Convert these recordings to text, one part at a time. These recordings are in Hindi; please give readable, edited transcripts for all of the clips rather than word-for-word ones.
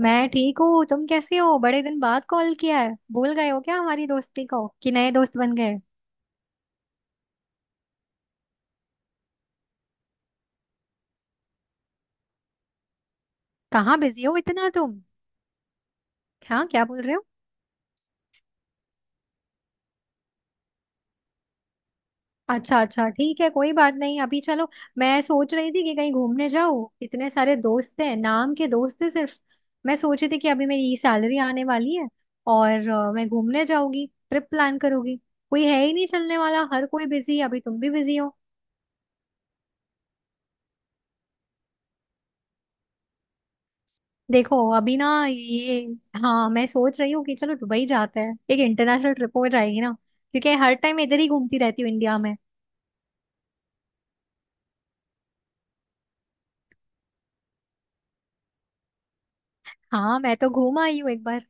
मैं ठीक हूँ। तुम कैसे हो? बड़े दिन बाद कॉल किया है, भूल गए हो क्या हमारी दोस्ती को कि नए दोस्त बन गए? कहाँ बिजी हो इतना तुम? हाँ, क्या बोल रहे हो? अच्छा अच्छा, ठीक है, कोई बात नहीं। अभी चलो, मैं सोच रही थी कि कहीं घूमने जाऊँ। इतने सारे दोस्त हैं, नाम के दोस्त हैं सिर्फ। मैं सोची थी कि अभी मेरी सैलरी आने वाली है और मैं घूमने जाऊंगी, ट्रिप प्लान करूंगी। कोई है ही नहीं चलने वाला, हर कोई बिजी है, अभी तुम भी बिजी हो। देखो अभी ना ये, हाँ मैं सोच रही हूँ कि चलो दुबई जाते हैं, एक इंटरनेशनल ट्रिप हो जाएगी ना। क्योंकि हर टाइम इधर ही घूमती रहती हूँ इंडिया में। हाँ, मैं तो घूम आई हूँ एक बार।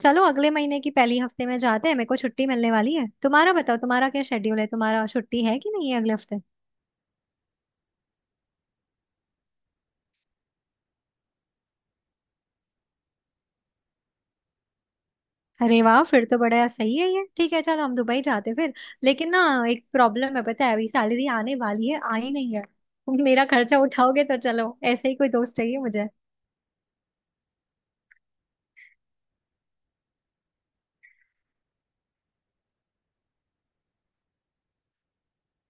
चलो अगले महीने की पहली हफ्ते में जाते हैं, मेरे को छुट्टी मिलने वाली है। तुम्हारा बताओ, तुम्हारा क्या शेड्यूल है, तुम्हारा छुट्टी है कि नहीं है अगले हफ्ते? अरे वाह, फिर तो बड़ा सही है ये। ठीक है, चलो हम दुबई जाते हैं फिर। लेकिन ना, एक प्रॉब्लम है, पता है अभी सैलरी आने वाली है, आई नहीं है। मेरा खर्चा उठाओगे तो चलो, ऐसे ही कोई दोस्त चाहिए मुझे।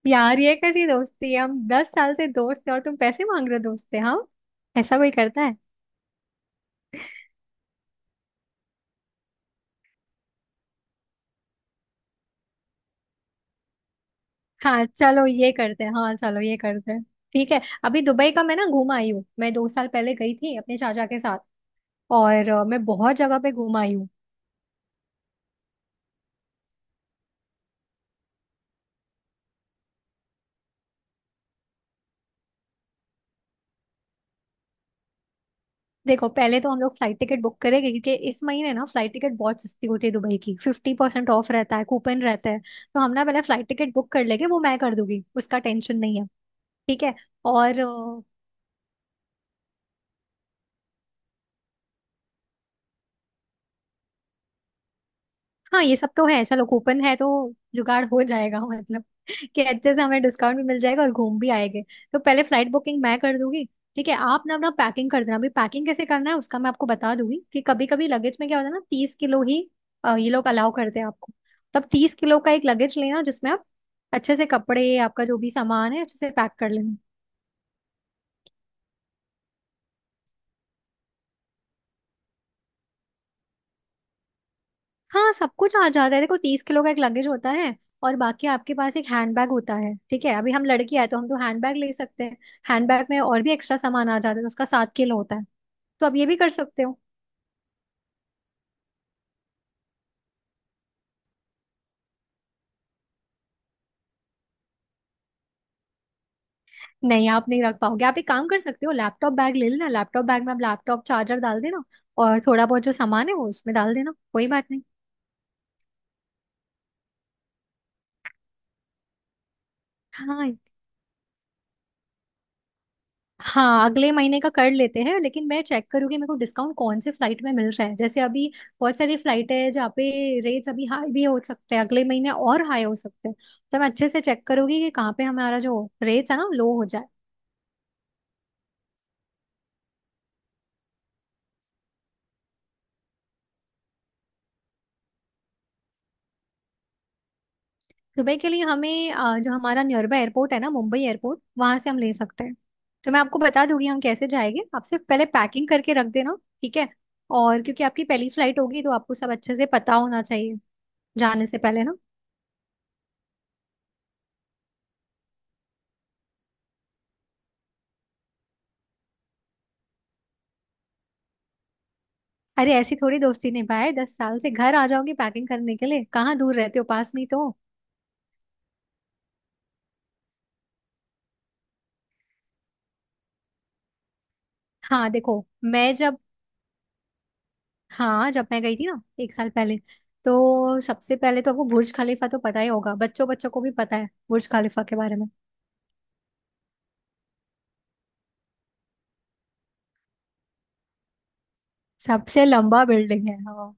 यार, ये कैसी दोस्ती है, हम 10 साल से दोस्त हैं और तुम पैसे मांग रहे हो दोस्त से? हाँ, ऐसा कोई करता है? हाँ चलो ये करते हैं, हाँ चलो ये करते हैं। ठीक है, अभी दुबई का मैं ना घूम आई हूँ, मैं 2 साल पहले गई थी अपने चाचा के साथ। और मैं बहुत जगह पे घूम आई हूँ। देखो पहले तो हम लोग फ्लाइट टिकट बुक करेंगे, क्योंकि इस महीने ना फ्लाइट टिकट बहुत सस्ती होती है दुबई की। 50% ऑफ रहता है, कूपन रहता है, तो हम ना पहले फ्लाइट टिकट बुक कर लेंगे, वो मैं कर दूंगी, उसका टेंशन नहीं है। ठीक है। और हाँ, ये सब तो है। चलो कूपन है तो जुगाड़ हो जाएगा, मतलब कि अच्छे से हमें डिस्काउंट भी मिल जाएगा और घूम भी आएंगे। तो पहले फ्लाइट बुकिंग मैं कर दूंगी। ठीक है, आप ना अपना पैकिंग कर देना। अभी पैकिंग कैसे करना है उसका मैं आपको बता दूंगी। कि कभी कभी लगेज में क्या होता है ना, 30 किलो ही ये लोग अलाउ करते हैं आपको। तब 30 किलो का एक लगेज लेना, जिसमें आप अच्छे से कपड़े, आपका जो भी सामान है अच्छे से पैक कर लेना। हाँ सब कुछ आ जाता है, देखो 30 किलो का एक लगेज होता है और बाकी आपके पास एक हैंडबैग होता है। ठीक है, अभी हम लड़की आए तो हम तो हैंडबैग ले सकते हैं। हैंडबैग में और भी एक्स्ट्रा सामान आ जाता है, तो उसका 7 किलो होता है, तो आप ये भी कर सकते हो। नहीं, आप नहीं रख पाओगे, आप एक काम कर सकते हो, लैपटॉप बैग ले लेना। लैपटॉप बैग में आप लैपटॉप चार्जर डाल देना और थोड़ा बहुत जो सामान है वो उसमें डाल देना, कोई बात नहीं। हाँ हाँ, अगले महीने का कर लेते हैं, लेकिन मैं चेक करूंगी मेरे को डिस्काउंट कौन से फ्लाइट में मिल रहा है। जैसे अभी बहुत सारी फ्लाइट है, जहाँ पे रेट्स अभी हाई भी हो सकते हैं, अगले महीने और हाई हो सकते हैं। तो मैं अच्छे से चेक करूंगी कि कहाँ पे हमारा जो रेट्स है ना लो हो जाए। दुबई के लिए हमें जो हमारा नियर बाय एयरपोर्ट है ना, मुंबई एयरपोर्ट, वहां से हम ले सकते हैं। तो मैं आपको बता दूंगी हम कैसे जाएंगे, आप सिर्फ पहले पैकिंग करके रख देना, ठीक है। और क्योंकि आपकी पहली फ्लाइट होगी तो आपको सब अच्छे से पता होना चाहिए जाने से पहले ना। अरे ऐसी थोड़ी दोस्ती निभाए, 10 साल से, घर आ जाओगी पैकिंग करने के लिए, कहाँ दूर रहते हो, पास में ही तो। हाँ देखो मैं जब, हाँ जब मैं गई थी ना 1 साल पहले, तो सबसे पहले तो आपको बुर्ज खलीफा तो पता ही होगा, बच्चों बच्चों को भी पता है बुर्ज खलीफा के बारे में। सबसे लंबा बिल्डिंग है, हाँ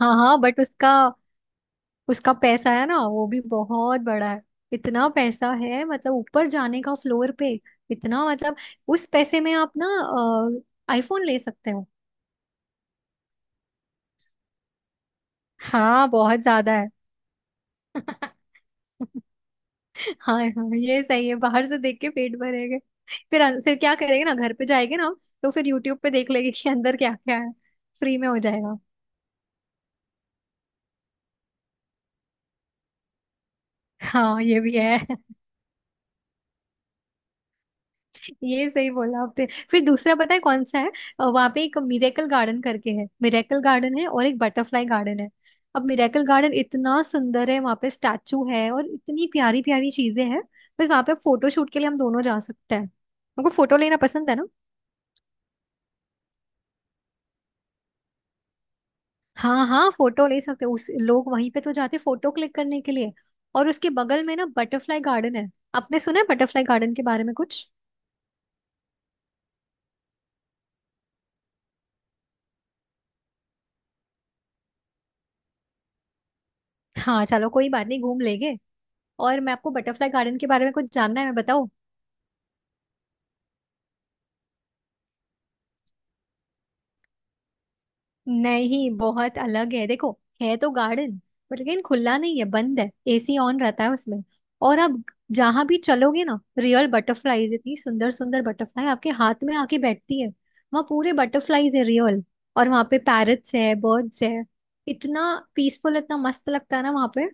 हाँ हाँ, बट उसका उसका पैसा है ना, वो भी बहुत बड़ा है, इतना पैसा है, मतलब ऊपर जाने का फ्लोर पे, इतना, मतलब उस पैसे में आप ना आईफोन ले सकते हो। हाँ बहुत ज्यादा है। हाँ हाँ, ये सही है, बाहर से देख के पेट भरेगा। फिर फिर क्या करेंगे ना, घर पे जाएंगे ना हम। तो फिर यूट्यूब पे देख लेंगे कि अंदर क्या क्या है, फ्री में हो जाएगा। हाँ ये भी है। ये सही बोला आपने। फिर दूसरा पता है कौन सा है, वहां पे एक मिरेकल गार्डन करके है। मिरेकल गार्डन है और एक बटरफ्लाई गार्डन है। अब मिरेकल गार्डन इतना सुंदर है, वहां पे स्टैचू है और इतनी प्यारी प्यारी चीजें हैं, बस वहां पे फोटो शूट के लिए हम दोनों जा सकते हैं। हमको फोटो लेना पसंद है ना। हाँ हाँ फोटो ले सकते हैं। उस लोग वहीं पे तो जाते फोटो क्लिक करने के लिए। और उसके बगल में ना बटरफ्लाई गार्डन है। आपने सुना है बटरफ्लाई गार्डन के बारे में कुछ? हाँ चलो कोई बात नहीं, घूम लेंगे। और मैं आपको बटरफ्लाई गार्डन के बारे में कुछ जानना है, मैं बताओ। नहीं बहुत अलग है, देखो है तो गार्डन, पर लेकिन खुला नहीं है, बंद है, एसी ऑन रहता है उसमें। और आप जहां भी चलोगे ना, रियल बटरफ्लाईज, इतनी सुंदर सुंदर बटरफ्लाई आपके हाथ में आके बैठती है। वहाँ पूरे बटरफ्लाईज है, रियल। और वहाँ पे पैरट्स है, बर्ड्स है, इतना पीसफुल, इतना मस्त लगता है ना वहाँ पे।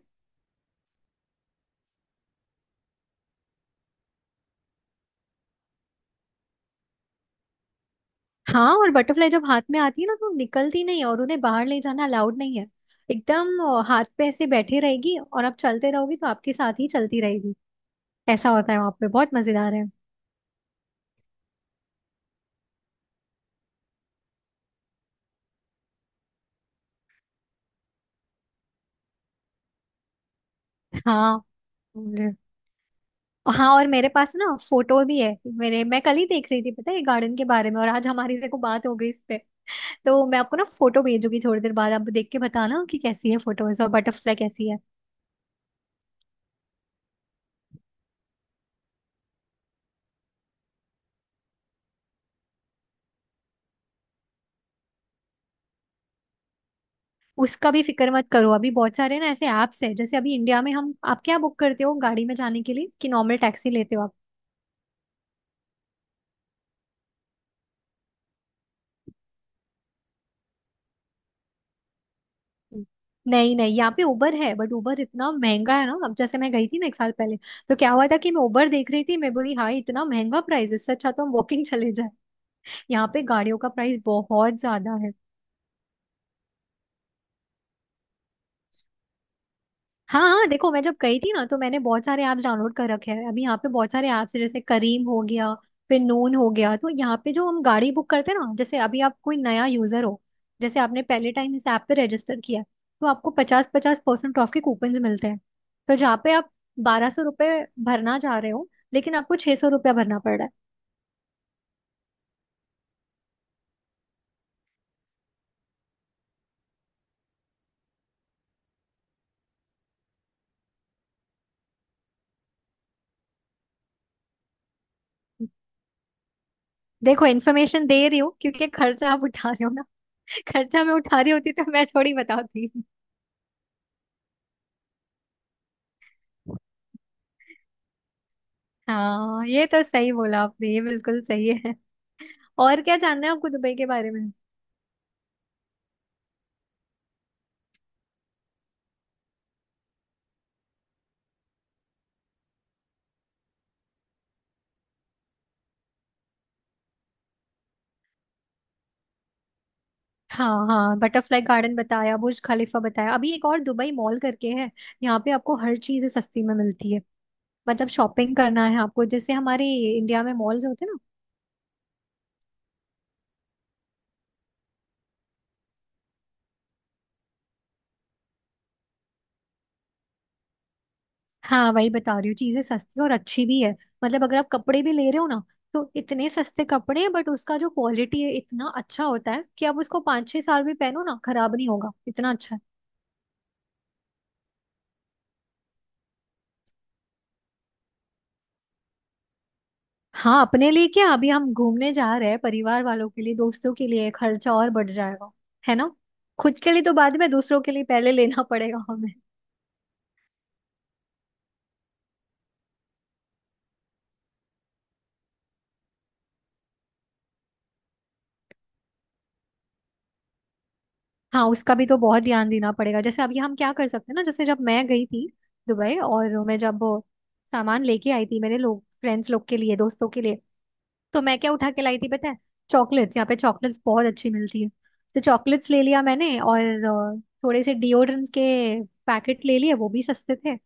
हाँ, और बटरफ्लाई जब हाथ में आती है ना तो निकलती नहीं है, और उन्हें बाहर ले जाना अलाउड नहीं है। एकदम हाथ पे ऐसे बैठी रहेगी और आप चलते रहोगे तो आपके साथ ही चलती रहेगी। ऐसा होता है वहां पे, बहुत मजेदार है। हाँ और- हाँ और मेरे पास ना फोटो भी है। मेरे मैं कल ही देख रही थी, पता है गार्डन के बारे में, और आज हमारी देखो बात हो गई इस पे। तो मैं आपको ना फोटो भेजूंगी थोड़ी देर बाद, आप देख के बताना कि कैसी है फोटोज और बटरफ्लाई कैसी है। उसका भी फिक्र मत करो, अभी बहुत सारे ना ऐसे ऐप्स है। जैसे अभी इंडिया में हम, आप क्या बुक करते हो गाड़ी में जाने के लिए, कि नॉर्मल टैक्सी लेते हो आप? नहीं नहीं, यहाँ पे उबर है बट उबर इतना महंगा है ना। अब जैसे मैं गई थी ना एक साल पहले, तो क्या हुआ था कि मैं उबर देख रही थी, मैं बोली हाँ इतना महंगा प्राइस, इससे अच्छा तो हम वॉकिंग चले जाए। यहाँ पे गाड़ियों का प्राइस बहुत ज्यादा है। हाँ हाँ देखो, मैं जब गई थी ना तो मैंने बहुत सारे ऐप्स डाउनलोड कर रखे हैं। अभी यहाँ पे बहुत सारे ऐप्स हैं, जैसे करीम हो गया, फिर नून हो गया। तो यहाँ पे जो हम गाड़ी बुक करते हैं ना, जैसे अभी आप कोई नया यूजर हो, जैसे आपने पहले टाइम इस ऐप पे रजिस्टर किया है, तो आपको पचास पचास परसेंट ऑफ के कूपन मिलते हैं। तो जहाँ पे आप 1200 रुपये भरना चाह रहे हो, लेकिन आपको 600 रुपया भरना पड़ रहा है। देखो इन्फॉर्मेशन दे रही हूँ क्योंकि खर्चा आप उठा रहे हो ना। खर्चा मैं उठा रही होती तो मैं थोड़ी बताती। हाँ ये तो सही बोला आपने, ये बिल्कुल सही है। और क्या जानना है आपको दुबई के बारे में? हाँ हाँ, बटरफ्लाई गार्डन बताया, बुर्ज खलीफा बताया। अभी एक और दुबई मॉल करके है, यहाँ पे आपको हर चीज सस्ती में मिलती है। मतलब शॉपिंग करना है आपको, जैसे हमारे इंडिया में मॉल्स होते हैं ना। हाँ, वही बता रही हूँ, चीजें सस्ती और अच्छी भी है। मतलब अगर आप कपड़े भी ले रहे हो ना, तो इतने सस्ते कपड़े हैं, बट उसका जो क्वालिटी है इतना अच्छा होता है कि आप उसको 5 6 साल भी पहनो ना, खराब नहीं होगा, इतना अच्छा है। हाँ अपने लिए क्या, अभी हम घूमने जा रहे हैं, परिवार वालों के लिए, दोस्तों के लिए, खर्चा और बढ़ जाएगा, है ना। खुद के लिए तो बाद में, दूसरों के लिए पहले लेना पड़ेगा हमें। हाँ, उसका भी तो बहुत ध्यान देना पड़ेगा। जैसे अभी हम क्या कर सकते हैं ना, जैसे जब मैं गई थी दुबई, और मैं जब सामान लेके आई थी मेरे लोग फ्रेंड्स लोग के लिए, दोस्तों के लिए, तो मैं क्या उठा के लाई थी, पता है? चॉकलेट्स, यहाँ पे चॉकलेट्स बहुत अच्छी मिलती है, तो चॉकलेट्स ले लिया मैंने, और थोड़े से डिओड्रेंट के पैकेट ले लिए, वो भी सस्ते थे।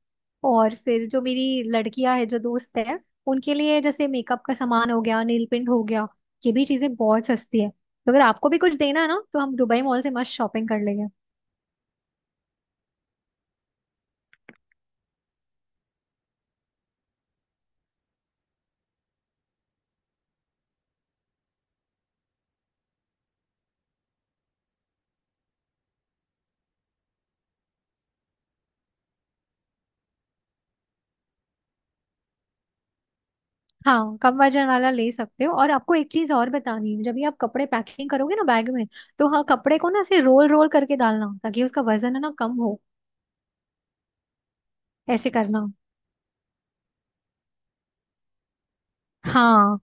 और फिर जो मेरी लड़कियां है, जो दोस्त है, उनके लिए जैसे मेकअप का सामान हो गया, नील पिंट हो गया, ये भी चीजें बहुत सस्ती है। तो अगर आपको भी कुछ देना है ना तो हम दुबई मॉल से मस्त शॉपिंग कर लेंगे। हाँ, कम वजन वाला ले सकते हो, और आपको एक चीज और बतानी है, जब भी आप कपड़े पैकिंग करोगे ना बैग में, तो हाँ कपड़े को ना ऐसे रोल रोल करके डालना ताकि उसका वजन है ना कम हो, ऐसे करना। हाँ,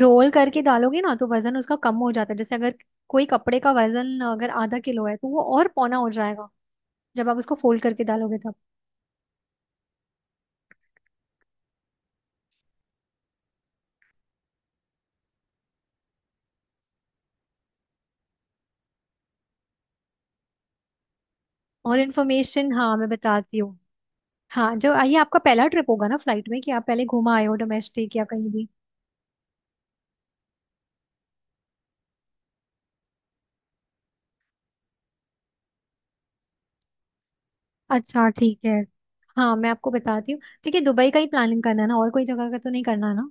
रोल करके डालोगे ना तो वजन उसका कम हो जाता है। जैसे अगर कोई कपड़े का वजन अगर आधा किलो है तो वो और पौना हो जाएगा जब आप उसको फोल्ड करके डालोगे तब। और इन्फॉर्मेशन, हाँ मैं बताती हूँ। हाँ, जो ये आपका पहला ट्रिप होगा ना फ्लाइट में, कि आप पहले घूमा आए हो डोमेस्टिक या कहीं भी? अच्छा ठीक है। हाँ, मैं आपको बताती हूँ। ठीक है, दुबई का ही प्लानिंग करना है ना, और कोई जगह का तो नहीं करना है ना?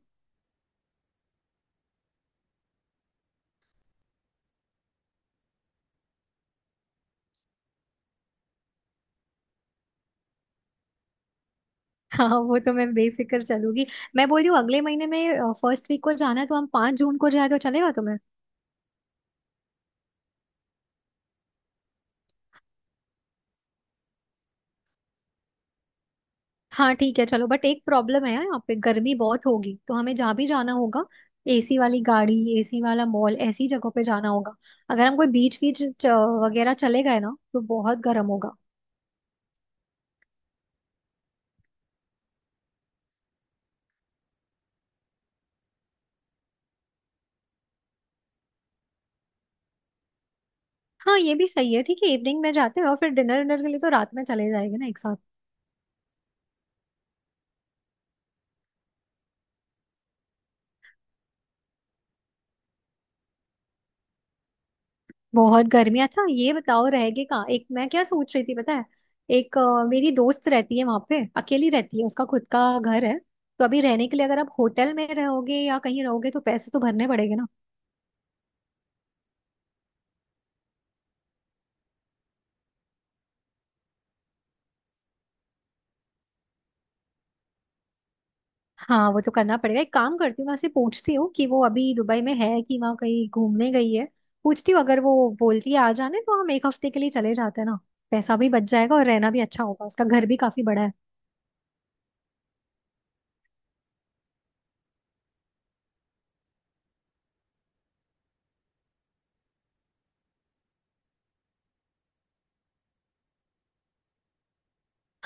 हाँ वो तो मैं बेफिक्र चलूंगी। मैं बोल रही हूँ अगले महीने में फर्स्ट वीक को जाना है, तो हम 5 जून को जाए तो चलेगा? हाँ ठीक है चलो, बट एक प्रॉब्लम है यार, यहाँ पे गर्मी बहुत होगी, तो हमें जहाँ भी जाना होगा एसी वाली गाड़ी, एसी वाला मॉल, ऐसी जगहों पे जाना होगा। अगर हम कोई बीच बीच च- वगैरह चले गए ना, तो बहुत गर्म होगा। हाँ ये भी सही है, ठीक है इवनिंग में जाते हैं, और फिर डिनर डिनर के लिए तो रात में चले जाएंगे ना एक साथ। बहुत गर्मी है। अच्छा, ये बताओ रहेगी कहाँ, एक मैं क्या सोच रही थी पता है, एक मेरी दोस्त रहती है वहां पे, अकेली रहती है, उसका खुद का घर है। तो अभी रहने के लिए, अगर आप होटल में रहोगे या कहीं रहोगे तो पैसे तो भरने पड़ेंगे ना। हाँ वो तो करना पड़ेगा, एक काम करती हूँ वहां से पूछती हूँ कि वो अभी दुबई में है कि वहाँ कहीं घूमने गई है। पूछती हूँ, अगर वो बोलती है आ जाने तो हम 1 हफ्ते के लिए चले जाते हैं ना, पैसा भी बच जाएगा और रहना भी अच्छा होगा, उसका घर भी काफी बड़ा है।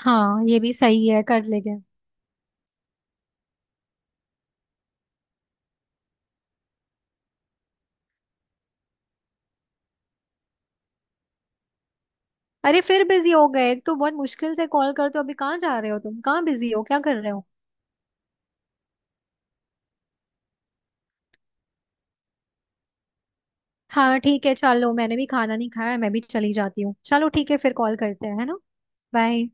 हाँ ये भी सही है, कर लेंगे। अरे फिर बिजी हो गए, एक तो बहुत मुश्किल से कॉल करते हो, अभी कहाँ जा रहे हो तुम, कहाँ बिजी हो, क्या कर रहे हो? हाँ ठीक है चलो, मैंने भी खाना नहीं खाया है, मैं भी चली जाती हूँ। चलो ठीक है, फिर कॉल करते हैं है ना। बाय।